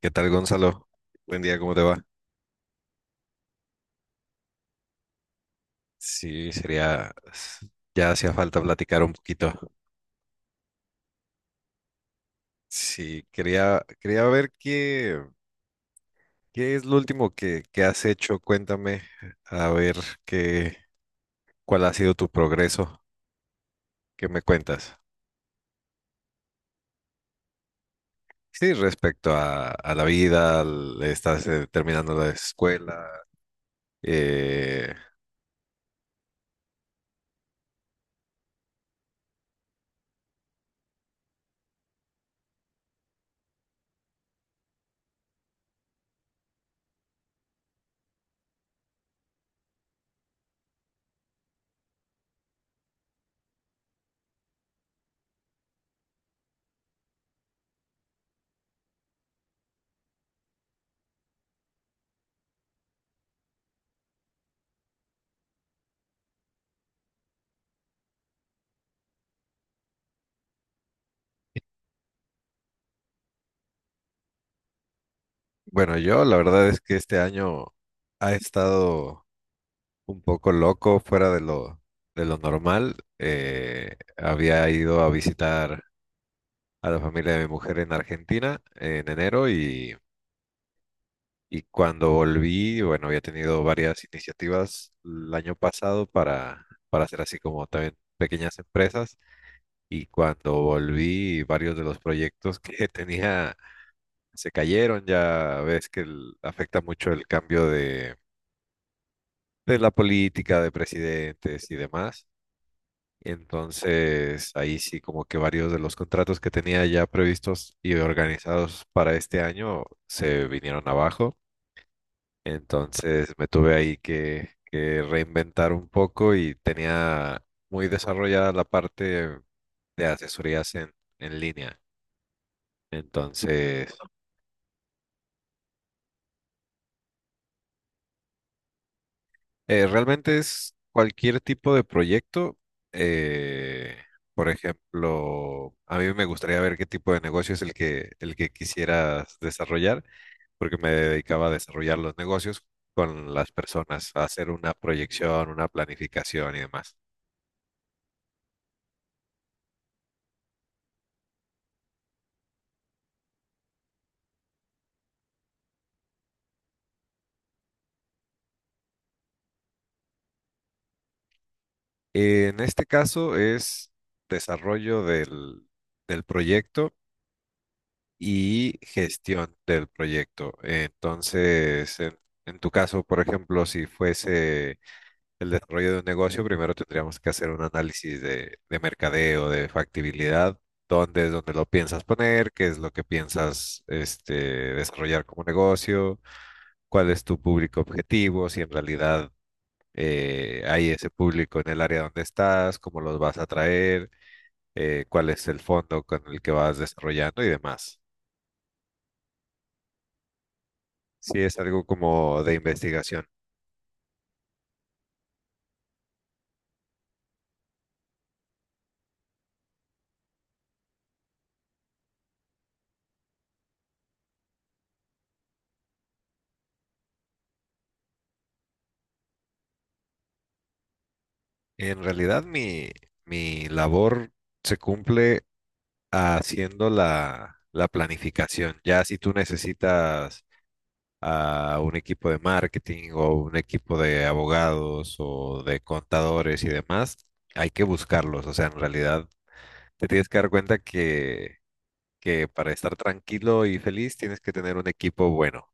¿Qué tal, Gonzalo? Buen día, ¿cómo te va? Sí, sería, ya hacía falta platicar un poquito. Sí, quería ver qué es lo último que has hecho. Cuéntame, a ver qué, cuál ha sido tu progreso. ¿Qué me cuentas? Sí, respecto a la vida, al- estás terminando la escuela. Eh, bueno, yo la verdad es que este año ha estado un poco loco, fuera de de lo normal. Había ido a visitar a la familia de mi mujer en Argentina en enero y cuando volví, bueno, había tenido varias iniciativas el año pasado para hacer así como también pequeñas empresas y cuando volví, varios de los proyectos que tenía se cayeron. Ya ves que el- afecta mucho el cambio de la política, de presidentes y demás. Entonces, ahí sí como que varios de los contratos que tenía ya previstos y organizados para este año se vinieron abajo. Entonces me tuve ahí que reinventar un poco y tenía muy desarrollada la parte de asesorías en línea. Entonces, realmente es cualquier tipo de proyecto. eh, por ejemplo, a mí me gustaría ver qué tipo de negocio es el el que quisieras desarrollar porque me dedicaba a desarrollar los negocios con las personas, a hacer una proyección, una planificación y demás. En este caso es desarrollo del proyecto y gestión del proyecto. Entonces, en tu caso, por ejemplo, si fuese el desarrollo de un negocio, primero tendríamos que hacer un análisis de mercadeo, de factibilidad, dónde es donde lo piensas poner, qué es lo que piensas este, desarrollar como negocio, cuál es tu público objetivo, si en realidad hay ese público en el área donde estás, cómo los vas a atraer, cuál es el fondo con el que vas desarrollando y demás. Sí, es algo como de investigación. En realidad mi labor se cumple haciendo la planificación. Ya si tú necesitas a un equipo de marketing o un equipo de abogados o de contadores y demás, hay que buscarlos. O sea, en realidad te tienes que dar cuenta que para estar tranquilo y feliz tienes que tener un equipo bueno.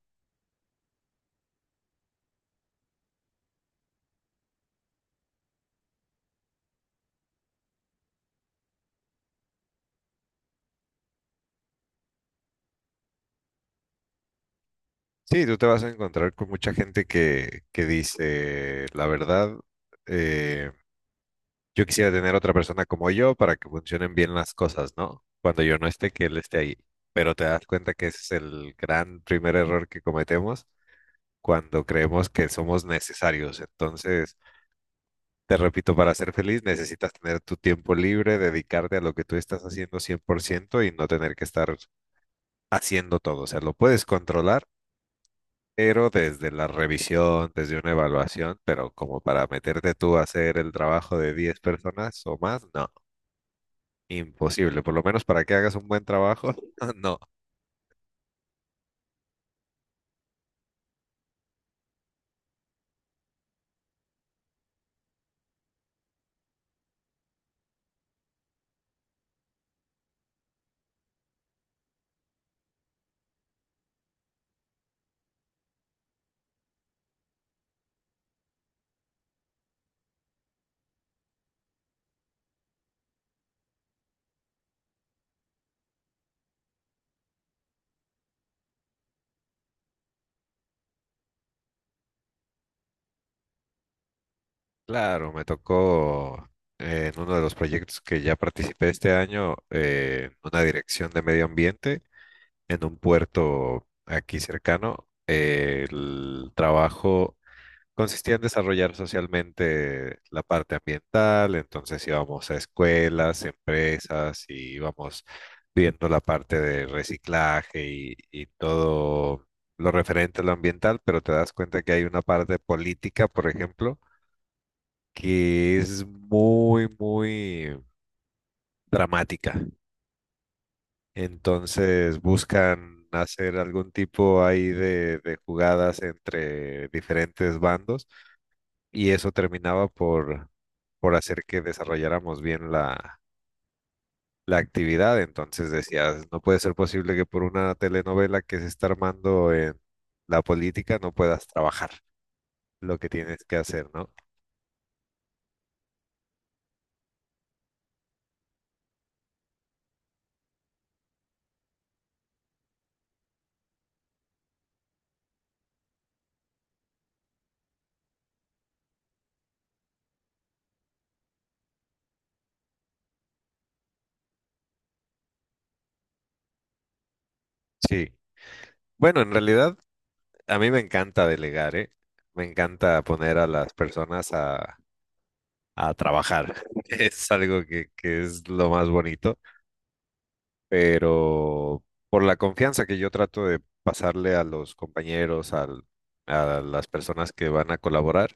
Sí, tú te vas a encontrar con mucha gente que dice, la verdad, eh, yo quisiera tener otra persona como yo para que funcionen bien las cosas, ¿no? Cuando yo no esté, que él esté ahí. Pero te das cuenta que ese es el gran primer error que cometemos cuando creemos que somos necesarios. Entonces, te repito, para ser feliz necesitas tener tu tiempo libre, dedicarte a lo que tú estás haciendo 100% y no tener que estar haciendo todo. O sea, lo puedes controlar, pero desde la revisión, desde una evaluación, pero como para meterte tú a hacer el trabajo de 10 personas o más, no, imposible. Por lo menos para que hagas un buen trabajo, no. Claro, me tocó en uno de los proyectos que ya participé este año, una dirección de medio ambiente en un puerto aquí cercano. El trabajo consistía en desarrollar socialmente la parte ambiental, entonces íbamos a escuelas, empresas y íbamos viendo la parte de reciclaje y todo lo referente a lo ambiental, pero te das cuenta que hay una parte política, por ejemplo, que es muy, muy dramática. Entonces buscan hacer algún tipo ahí de jugadas entre diferentes bandos y eso terminaba por hacer que desarrolláramos bien la actividad. Entonces decías, no puede ser posible que por una telenovela que se está armando en la política no puedas trabajar lo que tienes que hacer, ¿no? Sí. Bueno, en realidad a mí me encanta delegar, ¿eh? Me encanta poner a las personas a trabajar. Es algo que es lo más bonito, pero por la confianza que yo trato de pasarle a los compañeros, al- a las personas que van a colaborar,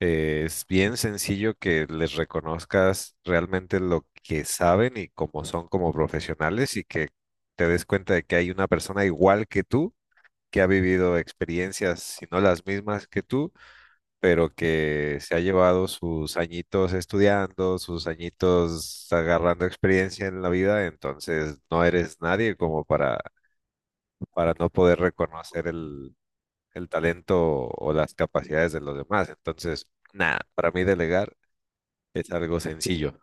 es bien sencillo que les reconozcas realmente lo que saben y cómo son como profesionales y que te des cuenta de que hay una persona igual que tú, que ha vivido experiencias, si no las mismas que tú pero que se ha llevado sus añitos estudiando, sus añitos agarrando experiencia en la vida, entonces no eres nadie como para no poder reconocer el talento o las capacidades de los demás. Entonces, nada, para mí delegar es algo sencillo.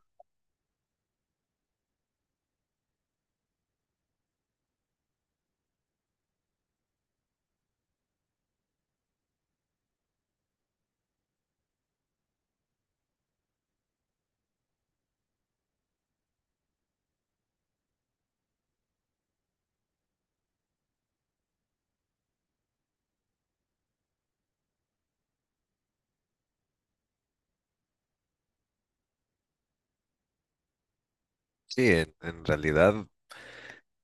Sí, en realidad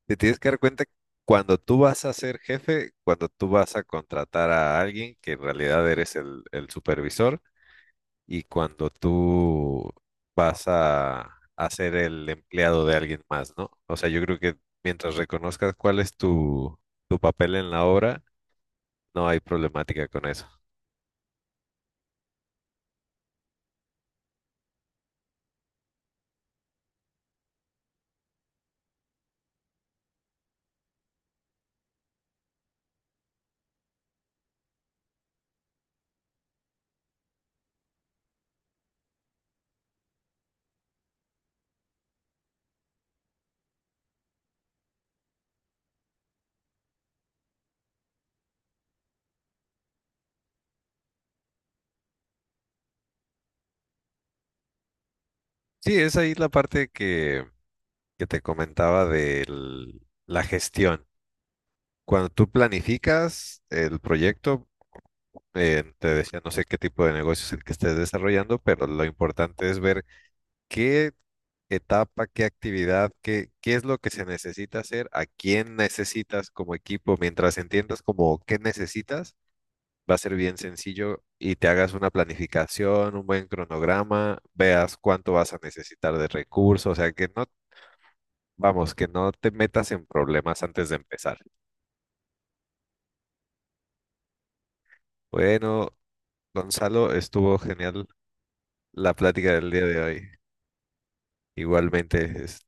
te tienes que dar cuenta que cuando tú vas a ser jefe, cuando tú vas a contratar a alguien que en realidad eres el supervisor, y cuando tú vas a ser el empleado de alguien más, ¿no? O sea, yo creo que mientras reconozcas cuál es tu papel en la obra, no hay problemática con eso. Sí, es ahí la parte que te comentaba de la gestión. Cuando tú planificas el proyecto, te decía, no sé qué tipo de negocio es el que estés desarrollando, pero lo importante es ver qué etapa, qué actividad, qué, qué es lo que se necesita hacer, ¿a quién necesitas como equipo? Mientras entiendas como qué necesitas, va a ser bien sencillo y te hagas una planificación, un buen cronograma, veas cuánto vas a necesitar de recursos, o sea que no, vamos, que no te metas en problemas antes de empezar. Bueno, Gonzalo, estuvo genial la plática del día de hoy. Igualmente, es-